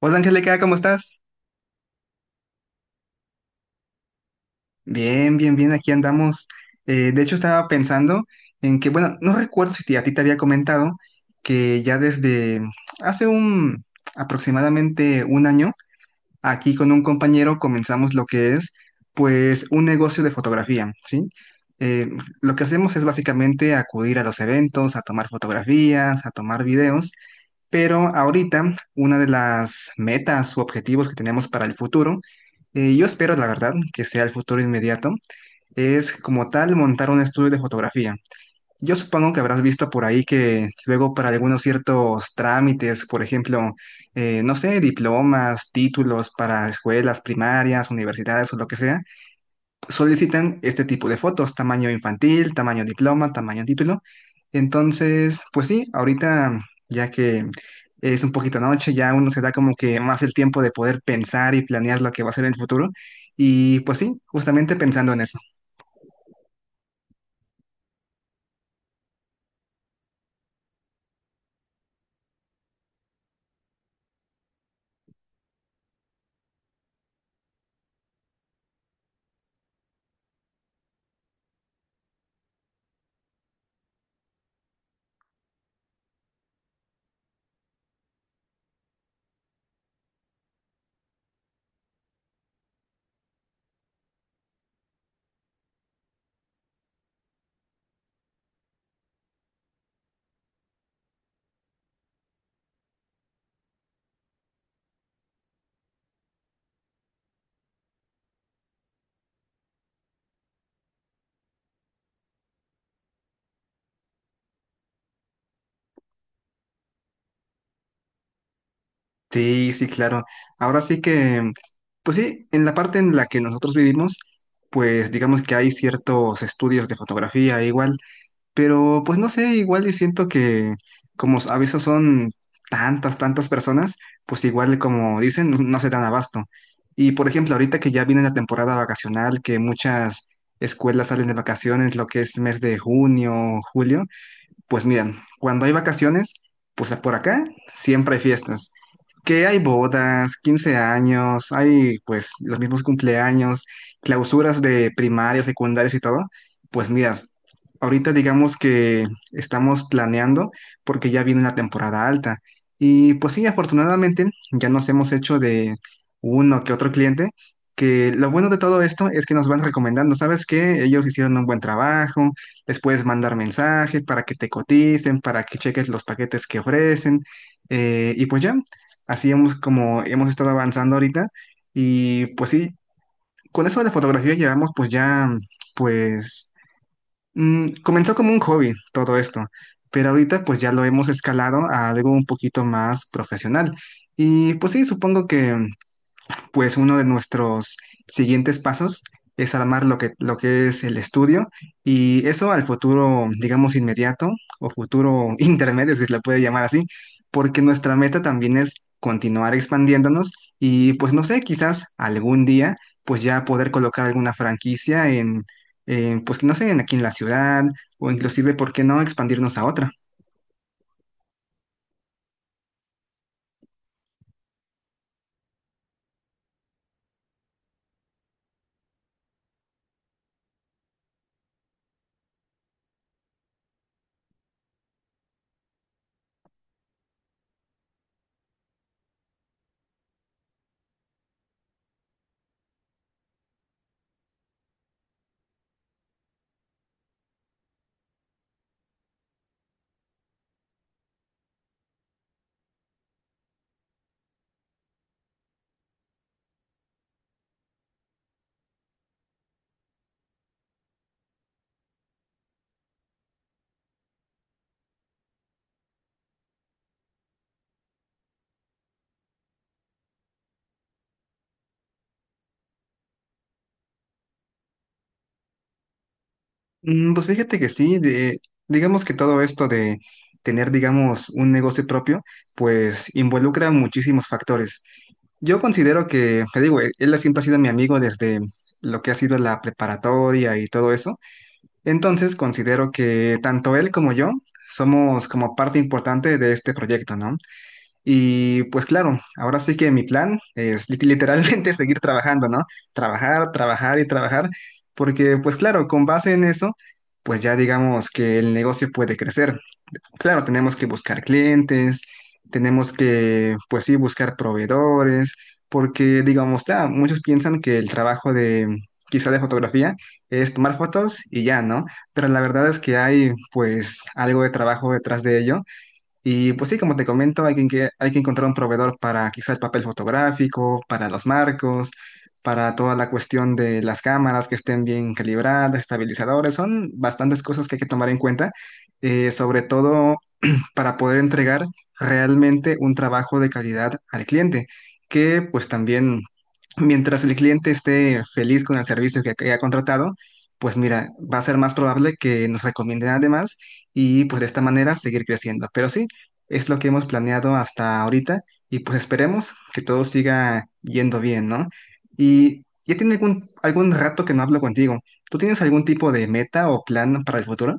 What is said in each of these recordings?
Hola Angélica, ¿cómo estás? Bien, bien, bien, aquí andamos. De hecho, estaba pensando en que, bueno, no recuerdo si a ti te había comentado que ya desde hace un aproximadamente un año aquí con un compañero comenzamos lo que es, pues, un negocio de fotografía, ¿sí? Eh, lo que hacemos es básicamente acudir a los eventos, a tomar fotografías, a tomar videos, pero ahorita una de las metas u objetivos que tenemos para el futuro, yo espero, la verdad, que sea el futuro inmediato, es como tal montar un estudio de fotografía. Yo supongo que habrás visto por ahí que luego para algunos ciertos trámites, por ejemplo, no sé, diplomas, títulos para escuelas primarias, universidades o lo que sea, solicitan este tipo de fotos, tamaño infantil, tamaño diploma, tamaño título. Entonces, pues sí, ahorita ya que es un poquito noche, ya uno se da como que más el tiempo de poder pensar y planear lo que va a ser en el futuro. Y pues sí, justamente pensando en eso. Sí, sí, claro. Ahora sí que, pues sí, en la parte en la que nosotros vivimos, pues digamos que hay ciertos estudios de fotografía igual, pero pues no sé, igual y siento que como a veces son tantas, tantas personas, pues igual como dicen, no, no se dan abasto. Y por ejemplo, ahorita que ya viene la temporada vacacional, que muchas escuelas salen de vacaciones, lo que es mes de junio, julio. Pues miren, cuando hay vacaciones, pues por acá siempre hay fiestas. Que hay bodas, 15 años, hay pues los mismos cumpleaños, clausuras de primarias, secundarias y todo. Pues mira, ahorita digamos que estamos planeando porque ya viene la temporada alta. Y pues sí, afortunadamente ya nos hemos hecho de uno que otro cliente, que lo bueno de todo esto es que nos van recomendando, ¿sabes qué? Ellos hicieron un buen trabajo, les puedes mandar mensaje para que te coticen, para que cheques los paquetes que ofrecen. Y pues ya, así hemos como hemos estado avanzando ahorita. Y pues sí, con eso de la fotografía llevamos pues ya, pues comenzó como un hobby todo esto. Pero ahorita pues ya lo hemos escalado a algo un poquito más profesional. Y pues sí, supongo que pues uno de nuestros siguientes pasos es armar lo que es el estudio y eso al futuro, digamos, inmediato o futuro intermedio, si se le puede llamar así, porque nuestra meta también es continuar expandiéndonos y pues no sé, quizás algún día pues ya poder colocar alguna franquicia en, pues no sé, en aquí en la ciudad o inclusive, ¿por qué no expandirnos a otra? Mm, pues fíjate que sí, digamos que todo esto de tener, digamos, un negocio propio, pues involucra muchísimos factores. Yo considero que, te digo, él siempre ha sido mi amigo desde lo que ha sido la preparatoria y todo eso. Entonces considero que tanto él como yo somos como parte importante de este proyecto, ¿no? Y pues claro, ahora sí que mi plan es literalmente seguir trabajando, ¿no? Trabajar, trabajar y trabajar, porque pues claro, con base en eso, pues ya digamos que el negocio puede crecer. Claro, tenemos que buscar clientes, tenemos que, pues sí, buscar proveedores, porque digamos, ya, muchos piensan que el trabajo de, quizá de fotografía, es tomar fotos y ya, ¿no? Pero la verdad es que hay pues algo de trabajo detrás de ello y pues sí, como te comento, hay hay que encontrar un proveedor para quizá el papel fotográfico, para los marcos, para toda la cuestión de las cámaras que estén bien calibradas, estabilizadores. Son bastantes cosas que hay que tomar en cuenta, sobre todo para poder entregar realmente un trabajo de calidad al cliente, que pues también mientras el cliente esté feliz con el servicio que ha contratado, pues mira, va a ser más probable que nos recomienden además y pues de esta manera seguir creciendo. Pero sí, es lo que hemos planeado hasta ahorita y pues esperemos que todo siga yendo bien, ¿no? Y ya tiene algún rato que no hablo contigo. ¿Tú tienes algún tipo de meta o plan para el futuro?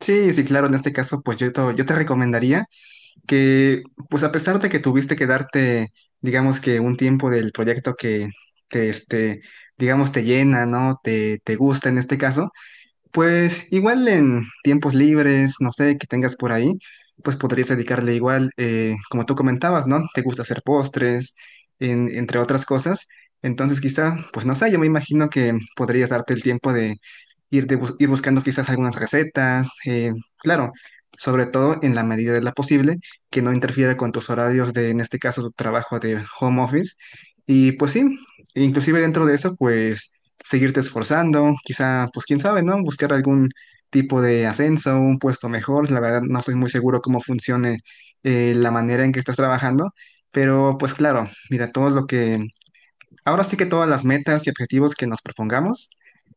Sí, sí, claro, en este caso, pues yo, yo te recomendaría que, pues a pesar de que tuviste que darte, digamos que un tiempo del proyecto que te, este, digamos, te llena, ¿no? Te gusta en este caso, pues igual en tiempos libres, no sé, que tengas por ahí, pues podrías dedicarle igual, como tú comentabas, ¿no? Te gusta hacer postres, entre otras cosas. Entonces quizá, pues no sé, yo me imagino que podrías darte el tiempo de ir buscando quizás algunas recetas, claro, sobre todo en la medida de la posible, que no interfiera con tus horarios de, en este caso, tu trabajo de home office. Y pues sí, inclusive dentro de eso, pues seguirte esforzando, quizá, pues quién sabe, ¿no? Buscar algún tipo de ascenso, un puesto mejor. La verdad, no estoy muy seguro cómo funcione la manera en que estás trabajando, pero pues claro, mira, ahora sí que todas las metas y objetivos que nos propongamos,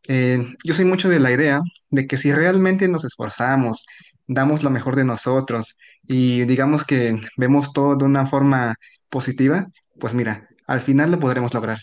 yo soy mucho de la idea de que si realmente nos esforzamos, damos lo mejor de nosotros y digamos que vemos todo de una forma positiva, pues mira, al final lo podremos lograr.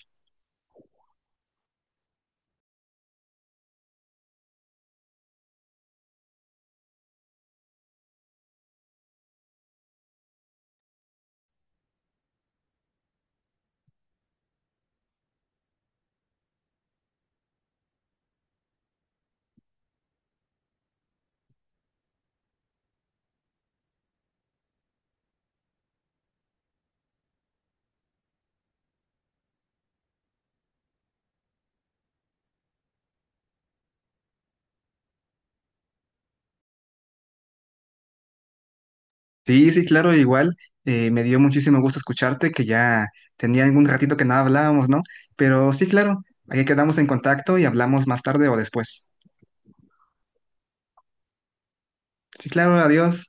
Sí, sí, claro, igual. Me dio muchísimo gusto escucharte, que ya tenía algún ratito que no hablábamos, ¿no? Pero sí, claro, ahí quedamos en contacto y hablamos más tarde o después. Sí, claro, adiós.